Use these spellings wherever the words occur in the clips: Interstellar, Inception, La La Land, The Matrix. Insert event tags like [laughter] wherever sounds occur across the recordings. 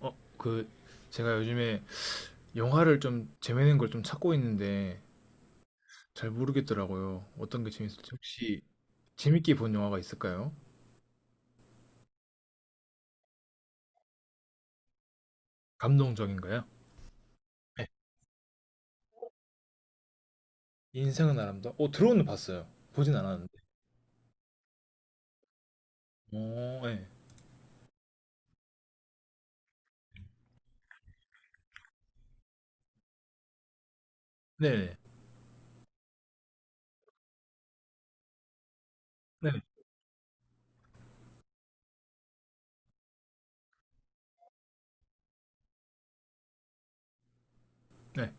어 그 제가 요즘에 영화를 좀 재밌는 걸 좀 찾고 있는데 잘 모르겠더라고요. 어떤 게 재밌을지 혹시 재밌게 본 영화가 있을까요? 감동적인가요? 네. 드론은 봤어요. 보진 않았는데. 어, 네. 네네. 네네. 네.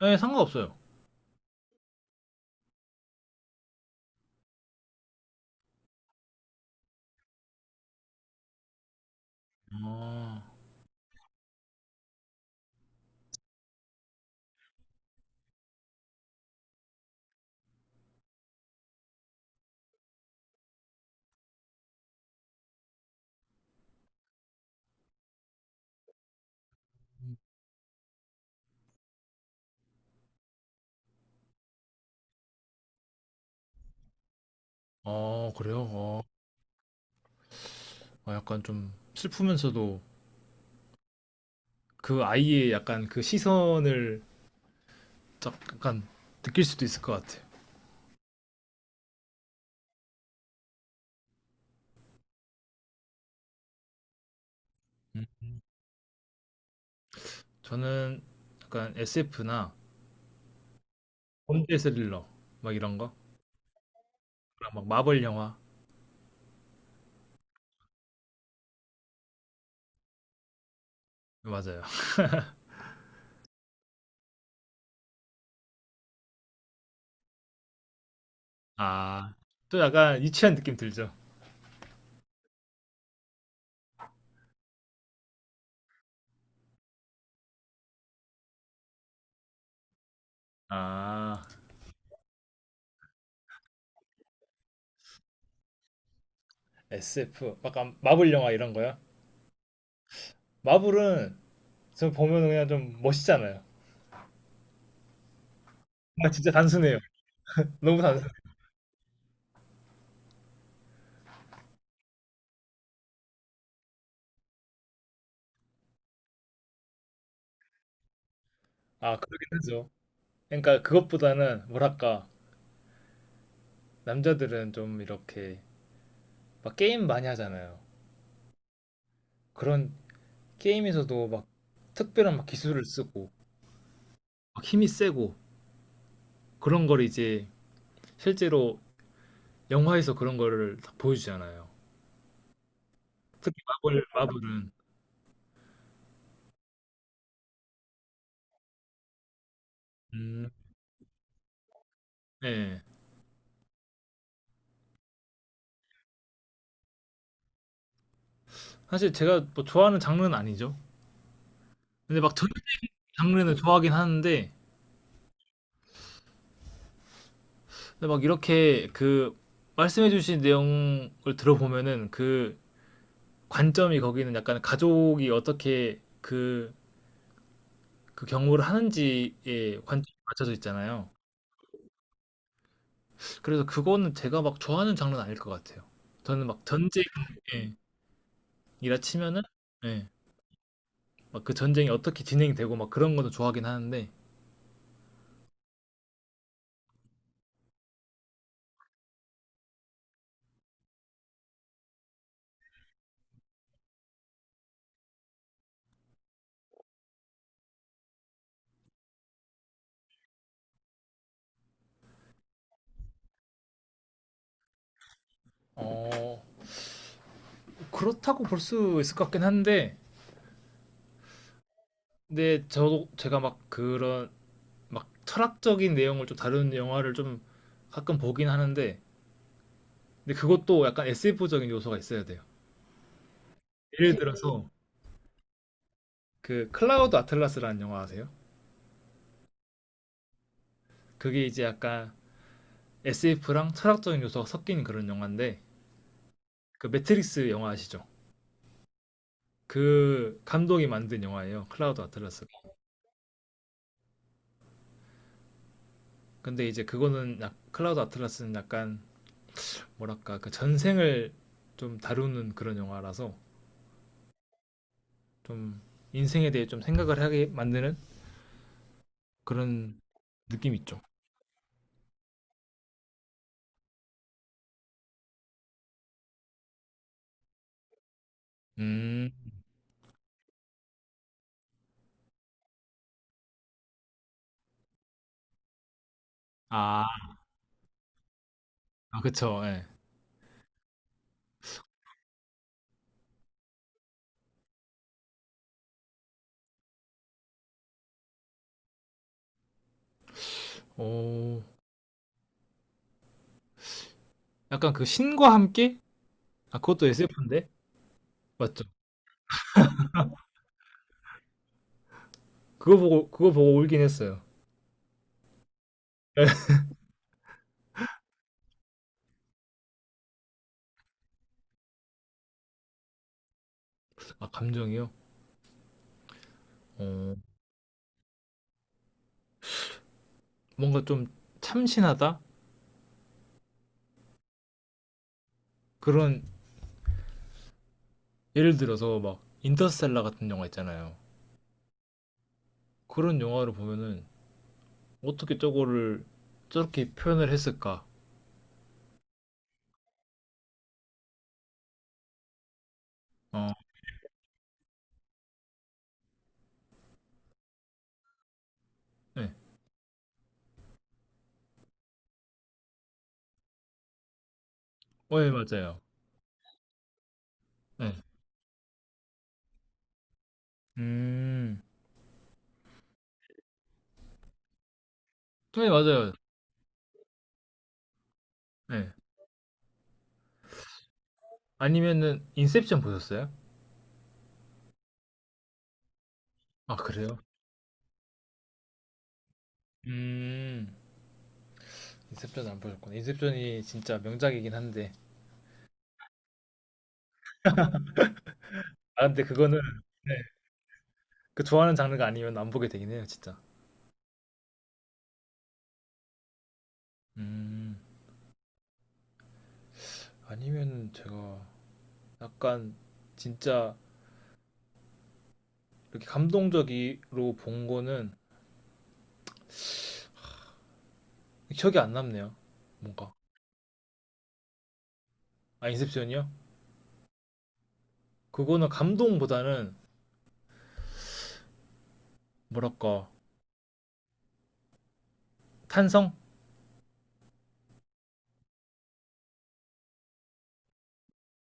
네, 상관없어요. 아, 아, 그래요? 어, 아, 약간 좀 슬프면서도 그 아이의 약간 그 시선을 약간 느낄 수도 있을 것 같아요. 음. 저는 약간 SF나 범죄 스릴러 막 이런 거. 그런 막 마블 영화. 맞아요. 아. 또 약간 유치한 느낌 들죠. 아. SF 약간 마블 영화 이런 거요? 마블은 저 보면 그냥 좀 멋있잖아요. 뭔가 진짜 단순해요. 너무 단순. 아, 그러긴 하죠. 그러니까 그것보다는 뭐랄까 남자들은 좀 이렇게 막 게임 많이 하잖아요. 그런 게임에서도 막 특별한 막 기술을 쓰고 막 힘이 세고 그런 걸 이제 실제로 영화에서 그런 거를 다 보여주잖아요. 특히 마블은 음, 네. 사실 제가 뭐 좋아하는 장르는 아니죠. 근데 막 전쟁 장르는 좋아하긴 하는데 근데 막 이렇게 그 말씀해주신 내용을 들어보면은 그 관점이 거기는 약간 가족이 어떻게 그 경우를 하는지에 관점이 맞춰져 있잖아요. 그래서 그거는 제가 막 좋아하는 장르는 아닐 것 같아요. 저는 막 전쟁이라 치면은 예, 막그 전쟁이 어떻게 진행되고 막 그런 것도 좋아하긴 하는데 어, 그렇다고 볼 수 있을 것 같긴 한데 근데 저도 제가 막 그런 막 철학적인 내용을 좀 다루는 영화를 좀 가끔 보긴 하는데 근데 그것도 약간 SF적인 요소가 있어야 돼요. 예를 들어서 그 클라우드 아틀라스라는 영화 아세요? 그게 이제 약간 SF랑 철학적인 요소가 섞인 그런 영화인데 그 매트릭스 영화 아시죠? 그 감독이 만든 영화예요. 클라우드 아틀라스가. 근데 이제 그거는 약 클라우드 아틀라스는 약간 뭐랄까 그 전생을 좀 다루는 그런 영화라서 좀 인생에 대해 좀 생각을 하게 만드는 그런 느낌이 있죠. 음. 아, 아 그쵸. 예. 오. 약간 그 신과 함께? 아, 그것도 SF인데? 맞죠? 그거 보고 울긴 했어요. [laughs] 아, 감정이요? 어. 뭔가 좀 참신하다? 그런 예를 들어서 막 인터스텔라 같은 영화 있잖아요. 그런 영화를 보면은 어떻게 저거를 저렇게 표현을 했을까? 어. 네 어, 예, 맞아요. 예. 음. 네, 맞아요. 네 아니면은 인셉션 보셨어요? 아, 그래요? 음, 인셉션 안 보셨구나. 인셉션이 진짜 명작이긴 한데. 아, 근데 그거는, 네, 그 좋아하는 장르가 아니면 안 보게 되긴 해요, 진짜. 음, 아니면 제가 약간 진짜 이렇게 감동적으로 본 거는 기억이 안 남네요. 뭔가. 아, 인셉션이요? 그거는 감동보다는 뭐랄까, 탄성?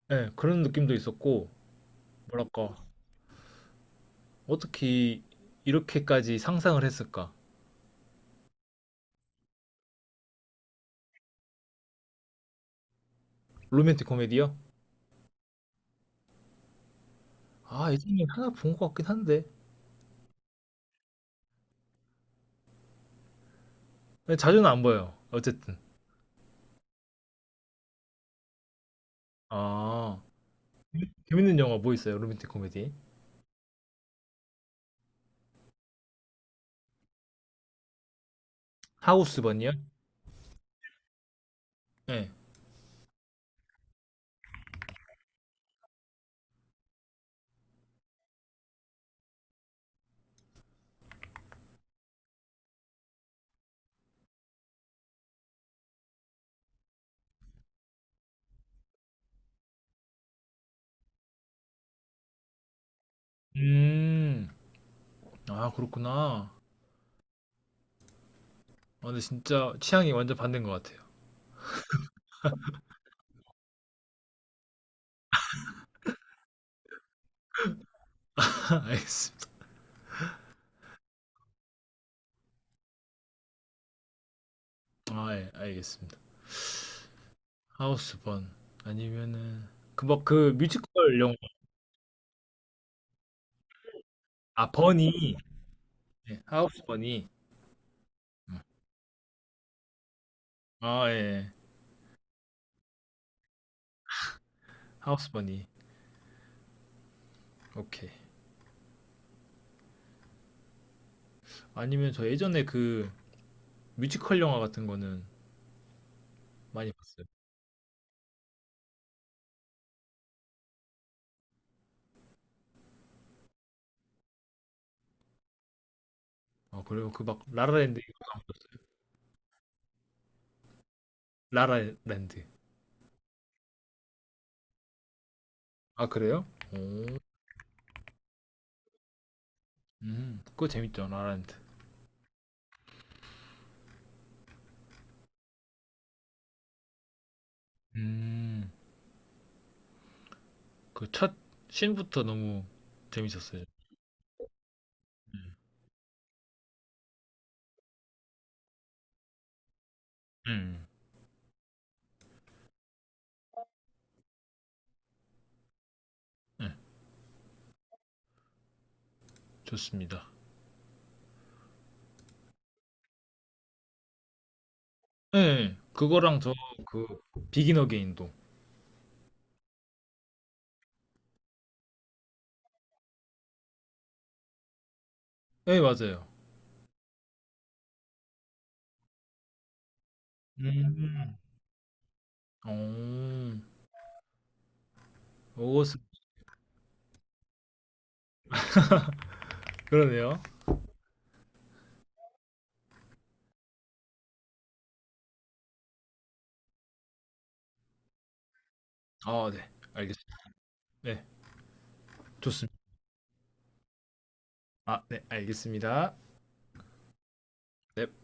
네, 그런 느낌도 있었고, 뭐랄까, 어떻게 이렇게까지 상상을 했을까? 로맨틱 코미디요? 아, 예전에 하나 본 것 같긴 한데. 근데 자주는 안 봐요. 어쨌든. 아, 재밌는 영화 뭐 있어요? 로맨틱 코미디. 하우스번이요? 네. 음, 아, 그렇구나. 아, 근데 진짜 취향이 완전 반대인 것 같아요. [laughs] 알겠습니다. 아, 예, 알겠습니다. 하우스번. 아니면은, 그, 뭐, 그 뮤지컬 영화. 아, 버니. 네, 하우스번이. 음. 아, 예. 하우스번이. 오케이. 아니면 저 예전에 그 뮤지컬 영화 같은 거는 많이 봤어요. 아, 그래요? 그 막 라라랜드 이거 안 보셨어요? 라라랜드. 아, 그래요? 오. 그거 재밌죠, 라라랜드. 음, 그 첫 씬부터 너무 재밌었어요. 음, 네, 좋습니다. 예, 예, 그거랑 저 그 비긴 어게인도. 예, 맞아요. 음, 오, 오스. 그러네요. 아, 네, 알겠습니다. 네, 좋습니다. 아, 네, 알겠습니다. 네.